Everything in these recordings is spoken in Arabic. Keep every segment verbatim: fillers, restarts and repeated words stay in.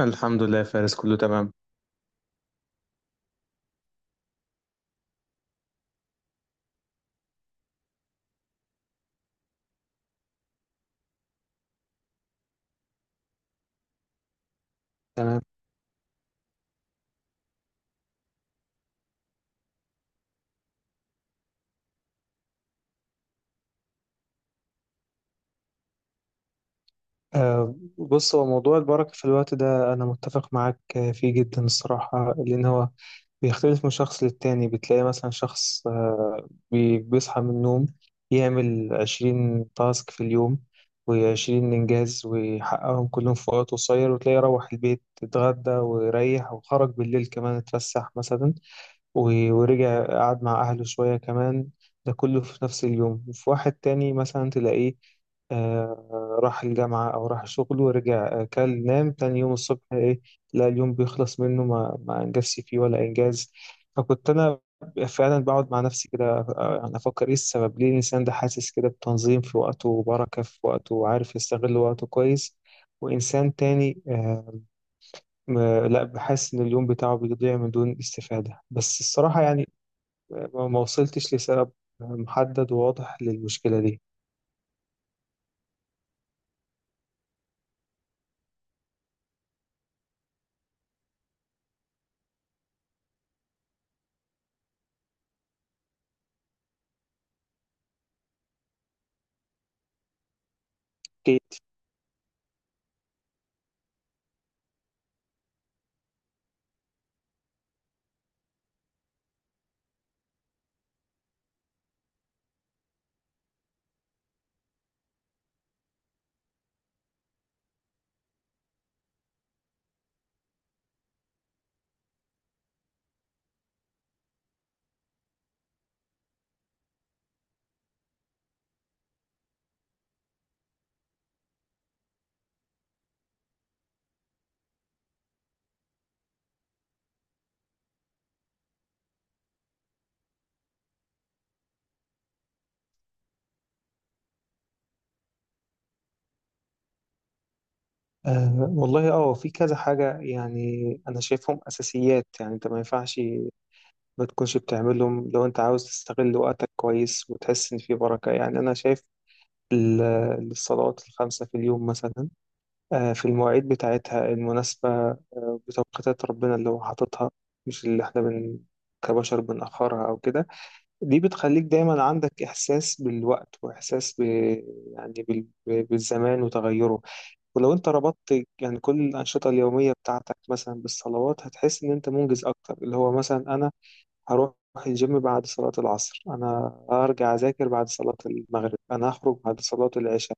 الحمد لله يا فارس كله تمام. تمام آه بص هو موضوع البركة في الوقت ده أنا متفق معاك، آه، فيه جدا الصراحة، لأن هو بيختلف من شخص للتاني. بتلاقي مثلا شخص آه بي- بيصحى من النوم، يعمل عشرين تاسك في اليوم وعشرين إنجاز ويحققهم كلهم في وقت قصير، وتلاقيه يروح البيت اتغدى ويريح وخرج بالليل كمان اتفسح مثلا، و- ورجع قعد مع أهله شوية كمان. ده كله في نفس اليوم. وفي واحد تاني مثلا تلاقيه آه راح الجامعة أو راح شغله ورجع، آه، كل نام تاني يوم الصبح. إيه؟ لا، اليوم بيخلص منه ما, ما أنجزش فيه ولا إنجاز. فكنت أنا فعلا بقعد مع نفسي كده، آه، يعني أفكر إيه السبب، ليه الإنسان ده حاسس كده بتنظيم في وقته وبركة في وقته وعارف يستغل وقته كويس، وإنسان تاني آه، م- لا، بحس إن اليوم بتاعه بيضيع من دون استفادة. بس الصراحة يعني ما ما وصلتش لسبب محدد وواضح للمشكلة دي. أكيد. أه والله اه في كذا حاجة يعني أنا شايفهم أساسيات، يعني أنت ما ينفعش ما تكونش بتعملهم لو أنت عاوز تستغل وقتك كويس وتحس إن في بركة. يعني أنا شايف ال- الصلوات الخمسة في اليوم مثلا، أه في المواعيد بتاعتها المناسبة، أه بتوقيتات ربنا اللي هو حاططها، مش اللي إحنا بن كبشر بنأخرها أو كده. دي بتخليك دايما عندك إحساس بالوقت وإحساس ب... يعني بال... ب- بالزمان وتغيره. ولو أنت ربطت يعني كل الأنشطة اليومية بتاعتك مثلا بالصلوات، هتحس إن أنت منجز أكتر. اللي هو مثلا أنا هروح الجيم بعد صلاة العصر، أنا هرجع أذاكر بعد صلاة المغرب، أنا هخرج بعد صلاة العشاء.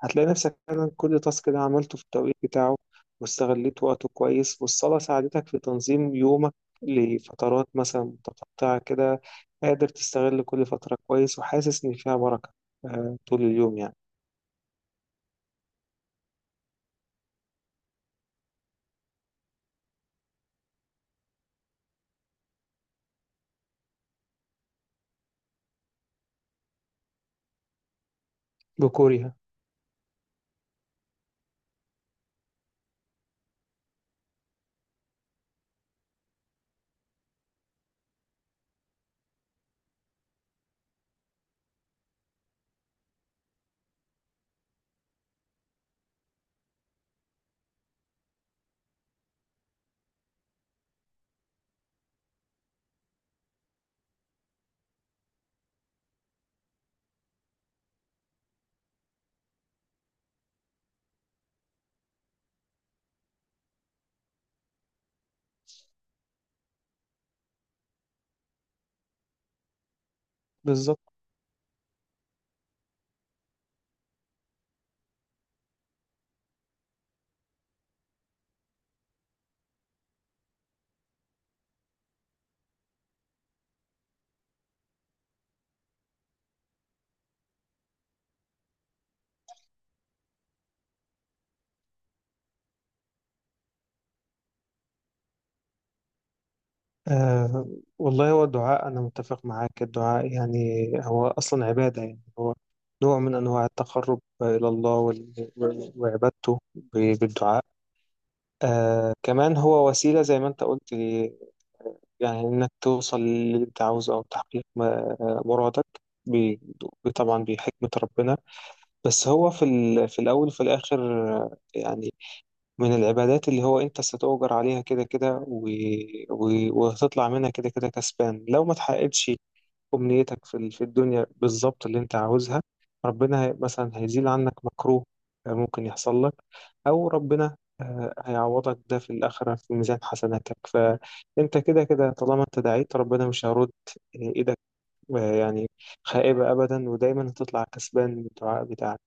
هتلاقي نفسك فعلا كل تاسك ده عملته في التوقيت بتاعه واستغليت وقته كويس، والصلاة ساعدتك في تنظيم يومك لفترات مثلا متقطعة كده، قادر تستغل كل فترة كويس وحاسس إن فيها بركة آه طول اليوم يعني. بكورها. بالظبط. آه والله، هو الدعاء أنا متفق معاك. الدعاء يعني هو أصلا عبادة، يعني هو نوع من أنواع التقرب إلى الله، وال- وعبادته ب- بالدعاء. آه كمان هو وسيلة زي ما أنت قلت، يعني إنك توصل للي أنت عاوزه أو تحقيق ما- مرادك، بي- طبعا بحكمة ربنا. بس هو في ال... في الأول وفي الآخر آه، يعني من العبادات اللي هو أنت ستؤجر عليها كده كده، و... و... وهتطلع منها كده كده كسبان لو ما تحققتش أمنيتك في ال- في الدنيا بالظبط اللي أنت عاوزها. ربنا هي- مثلا هيزيل عنك مكروه آه، ممكن يحصل لك، أو ربنا آه، هيعوضك ده في الآخرة في ميزان حسناتك. فأنت كده كده طالما أنت دعيت ربنا مش هيرد آه، إيدك آه، يعني خائبة أبدا، ودايما هتطلع كسبان من الدعاء بتاعك.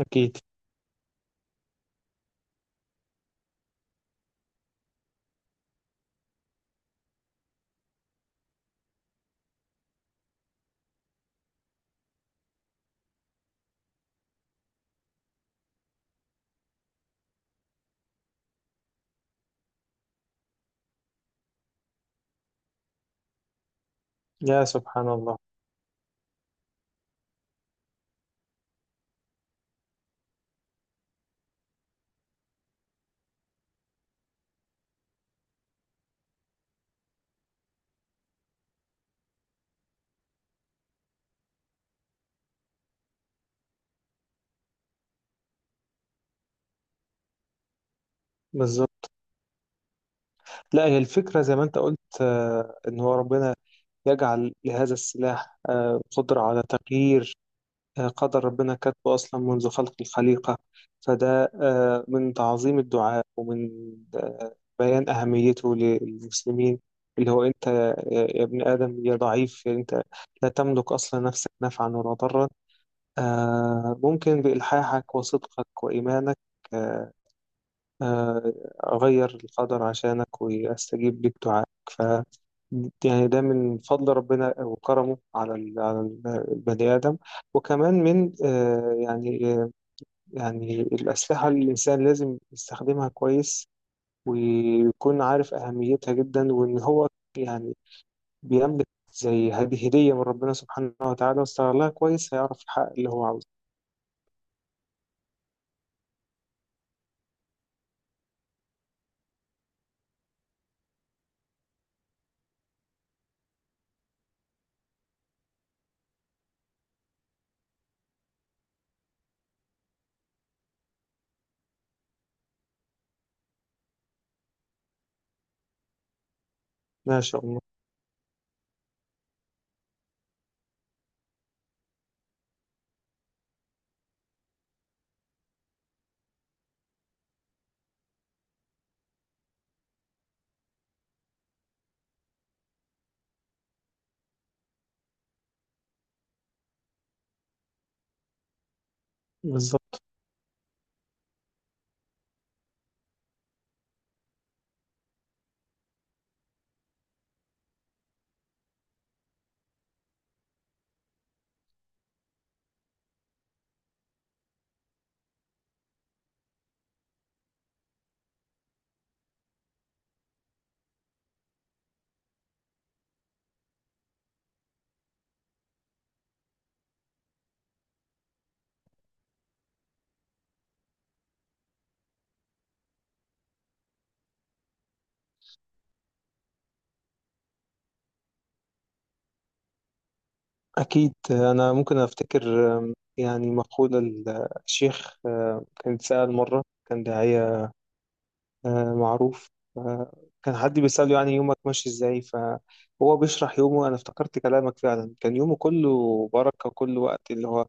أكيد. يا سبحان الله. بالظبط. لا، هي الفكرة زي ما أنت قلت، آه، إن هو ربنا يجعل لهذا السلاح آه، قدرة على تغيير آه، قدر ربنا كاتبه أصلا منذ خلق الخليقة. فده آه، من تعظيم الدعاء ومن آه، بيان أهميته للمسلمين. اللي هو أنت يا يا ابن آدم يا ضعيف يعني أنت لا تملك أصلا نفسك نفعا ولا ضرا، آه، ممكن بإلحاحك وصدقك وإيمانك آه، آه، أغير القدر عشانك وأستجيب للدعاء. يعني ده من فضل ربنا وكرمه على ال- على ال- البني آدم. وكمان من آه، يعني آه، يعني الأسلحة اللي الإنسان لازم يستخدمها كويس، ويكون عارف أهميتها جدا، وإن هو يعني بيملك زي هذه هدية من ربنا سبحانه وتعالى. واستغلها كويس هيعرف الحق اللي هو عاوزه. ما شاء الله. بالظبط. أكيد أنا ممكن أفتكر آم، يعني مقولة الشيخ، آه، كان سأل مرة، كان داعية آه، معروف. آه، كان حد بيسأله يعني يومك ماشي ازاي، فهو بيشرح يومه. انا افتكرت كلامك، فعلا كان يومه كله بركة. كل وقت اللي هو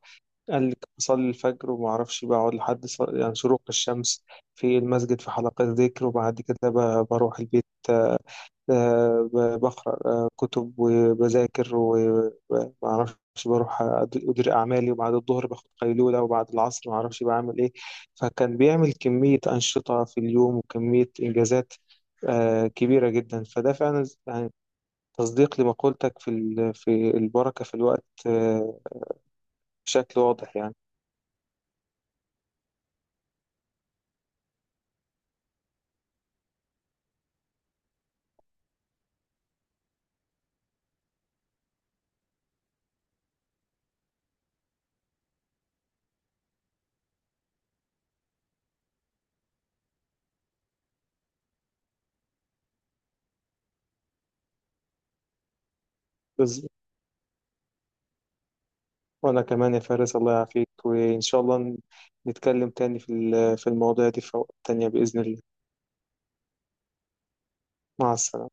قال لك أصلي الفجر وما أعرفش بقعد لحد ص- يعني شروق الشمس في المسجد في حلقة ذكر، وبعد كده ب- بروح البيت، آه، آه، ب- بقرأ آه، كتب وبذاكر وما أعرفش، بروح أد- أدير أعمالي، وبعد الظهر باخد قيلولة، وبعد العصر ما أعرفش بعمل إيه. فكان بيعمل كمية أنشطة في اليوم وكمية إنجازات آه، كبيرة جدا. فده فعلا يعني تصديق لمقولتك في ال- في البركة في الوقت آه، بشكل واضح يعني. وأنا كمان يا فارس الله يعافيك، وإن شاء الله نتكلم تاني في ال- في المواضيع دي في وقت تانية بإذن الله. مع السلامة.